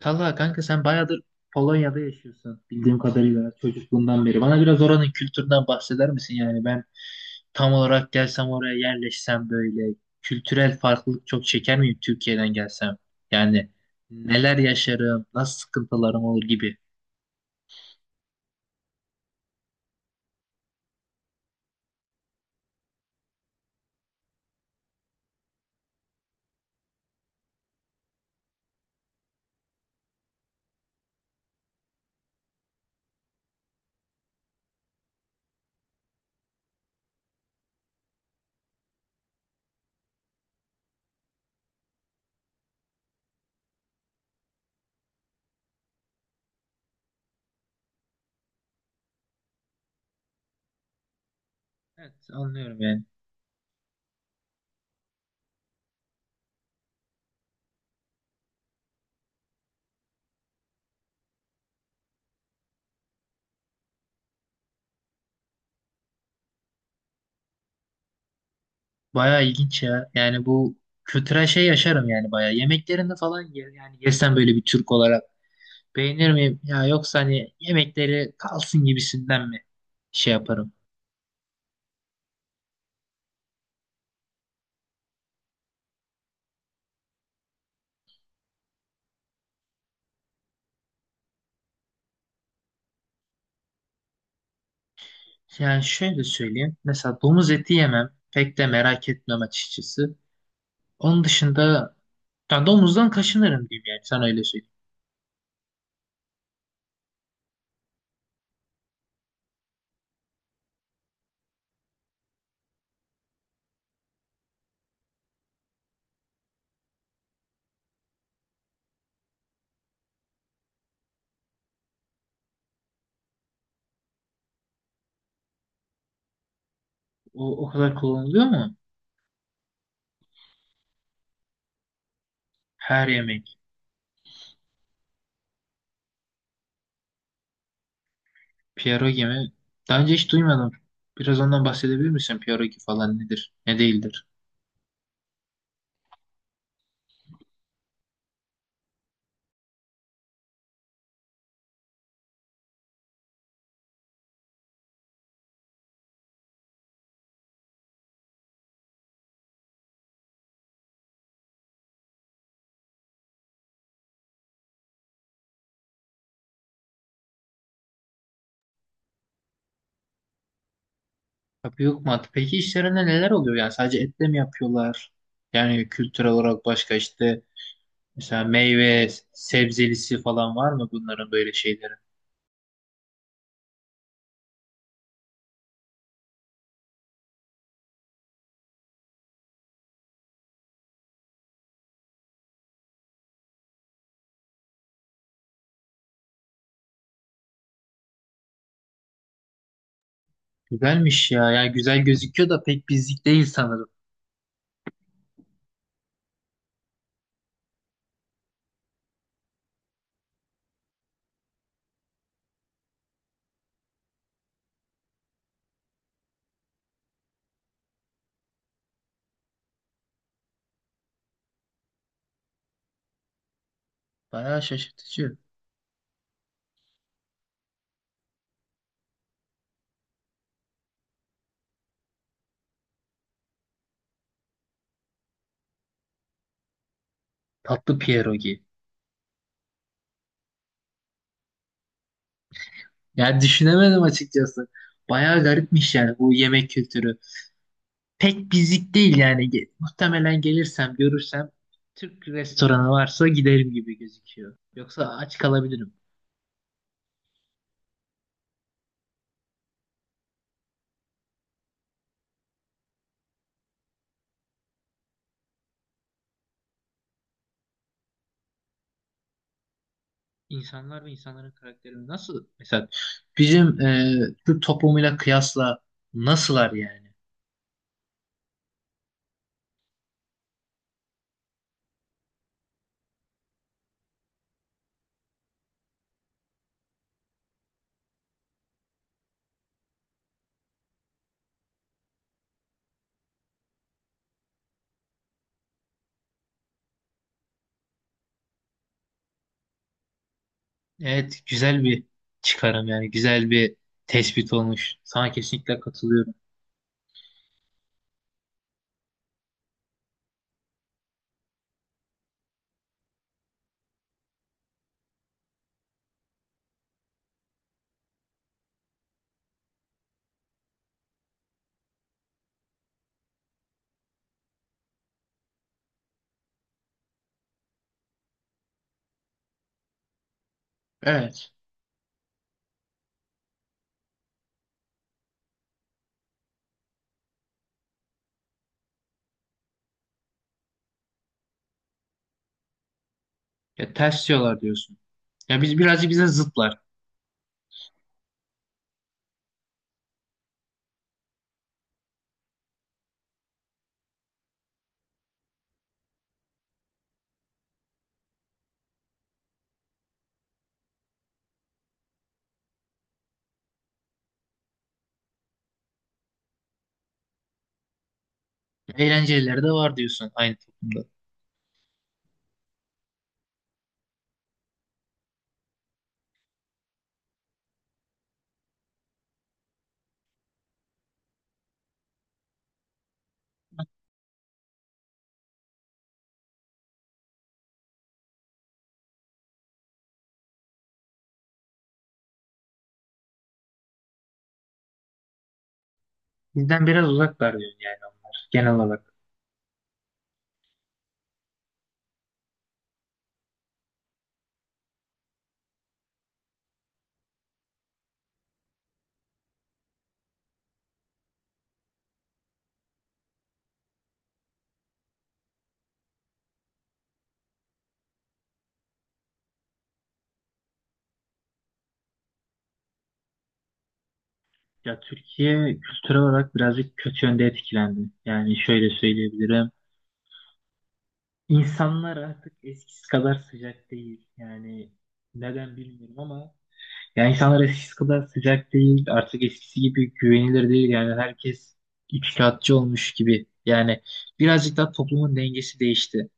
Talha kanka sen bayağıdır Polonya'da yaşıyorsun bildiğim kadarıyla çocukluğundan beri. Bana biraz oranın kültüründen bahseder misin? Yani ben tam olarak gelsem oraya yerleşsem böyle kültürel farklılık çok çeker miyim Türkiye'den gelsem? Yani neler yaşarım, nasıl sıkıntılarım olur gibi. Evet, anlıyorum yani. Bayağı ilginç ya. Yani bu kültürel şey yaşarım yani bayağı. Yemeklerini falan yer, yani yesem böyle bir Türk olarak beğenir miyim? Ya yoksa hani yemekleri kalsın gibisinden mi şey yaparım? Yani şöyle söyleyeyim. Mesela domuz eti yemem. Pek de merak etmem açıkçası. Onun dışında yani domuzdan kaşınırım diyeyim yani. Sana öyle söyleyeyim. O kadar kullanılıyor mu? Her yemek. Pierogi mi? Daha önce hiç duymadım. Biraz ondan bahsedebilir misin? Pierogi falan nedir? Ne değildir? Tabii, yok mu? Peki işlerinde neler oluyor? Yani sadece etle mi yapıyorlar? Yani kültürel olarak başka işte mesela meyve, sebzelisi falan var mı bunların böyle şeyleri? Güzelmiş ya. Yani güzel gözüküyor da pek bizlik değil sanırım. Bayağı şaşırtıcı. Tatlı pierogi. Yani düşünemedim açıkçası. Bayağı garipmiş yani bu yemek kültürü. Pek bizlik değil yani. Muhtemelen gelirsem, görürsem Türk restoranı varsa giderim gibi gözüküyor. Yoksa aç kalabilirim. İnsanlar ve insanların karakterini nasıl? Mesela bizim Türk toplumuyla kıyasla nasıllar yani? Evet, güzel bir çıkarım yani güzel bir tespit olmuş. Sana kesinlikle katılıyorum. Evet. Ya ters diyorlar diyorsun. Ya biz birazcık bize zıtlar. Eğlencelileri de var diyorsun aynı toplumda. Bizden biraz uzaklar diyorsun yani onlar genel olarak. Ya Türkiye kültürel olarak birazcık kötü yönde etkilendi. Yani şöyle söyleyebilirim. İnsanlar artık eskisi kadar sıcak değil. Yani neden bilmiyorum ama yani insanlar eskisi kadar sıcak değil, artık eskisi gibi güvenilir değil. Yani herkes içtihatçı olmuş gibi. Yani birazcık daha toplumun dengesi değişti.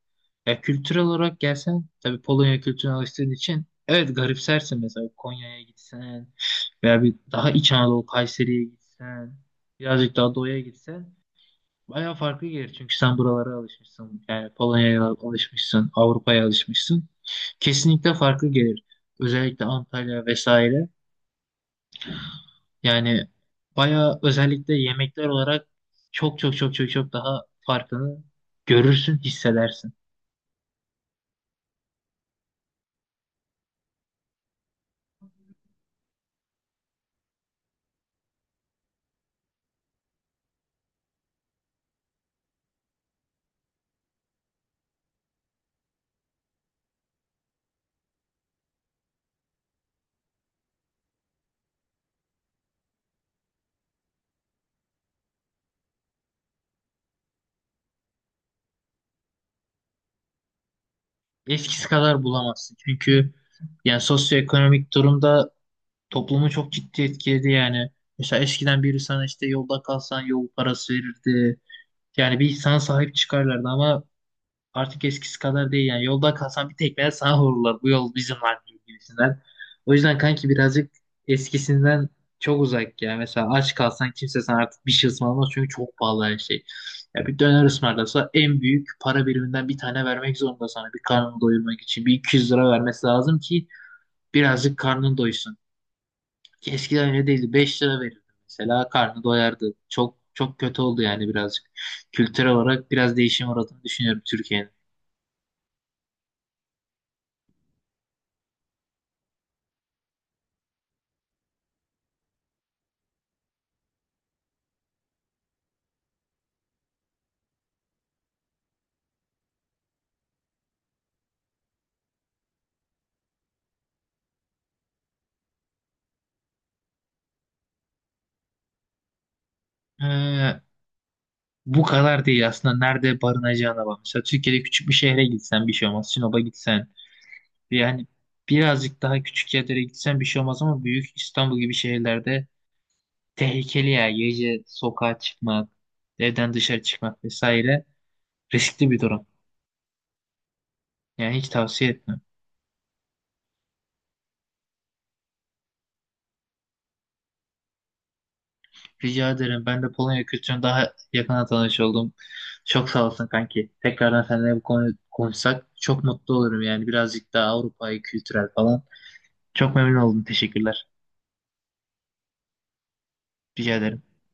Ya kültürel olarak gelsen, tabii Polonya kültürüne alıştığın için evet garipsersin. Mesela Konya'ya gitsen veya bir daha İç Anadolu Kayseri'ye gitsen, birazcık daha doğuya gitsen bayağı farklı gelir. Çünkü sen buralara alışmışsın. Yani Polonya'ya alışmışsın, Avrupa'ya alışmışsın. Kesinlikle farklı gelir. Özellikle Antalya vesaire. Yani bayağı özellikle yemekler olarak çok çok çok çok çok daha farkını görürsün, hissedersin. Eskisi kadar bulamazsın. Çünkü yani sosyoekonomik durumda toplumu çok ciddi etkiledi yani. Mesela eskiden biri sana işte yolda kalsan yol parası verirdi. Yani bir insana sahip çıkarlardı ama artık eskisi kadar değil yani. Yolda kalsan bir tekmeye sana vururlar. Bu yol bizim artık gibisinden. O yüzden kanki birazcık eskisinden çok uzak ya. Mesela aç kalsan kimse sana artık bir şey ısmarlamaz çünkü çok pahalı her şey. Ya bir döner ısmarlasa en büyük para biriminden bir tane vermek zorunda sana bir karnını doyurmak için. Bir 200 lira vermesi lazım ki birazcık karnın doysun. Ki eskiden öyle değildi. 5 lira verirdi mesela, karnı doyardı. Çok çok kötü oldu yani birazcık. Kültürel olarak biraz değişim uğradığını düşünüyorum Türkiye'nin. Ee, Bu kadar değil. Aslında nerede barınacağına bak. Mesela Türkiye'de küçük bir şehre gitsen bir şey olmaz. Sinop'a gitsen yani birazcık daha küçük yerlere gitsen bir şey olmaz, ama büyük İstanbul gibi şehirlerde tehlikeli ya. Gece sokağa çıkmak, evden dışarı çıkmak vesaire riskli bir durum. Yani hiç tavsiye etmem. Rica ederim. Ben de Polonya kültürünü daha yakına tanış oldum. Çok sağ olsun kanki. Tekrardan seninle bu konu konuşsak çok mutlu olurum yani. Birazcık daha Avrupa'yı kültürel falan. Çok memnun oldum. Teşekkürler. Rica ederim.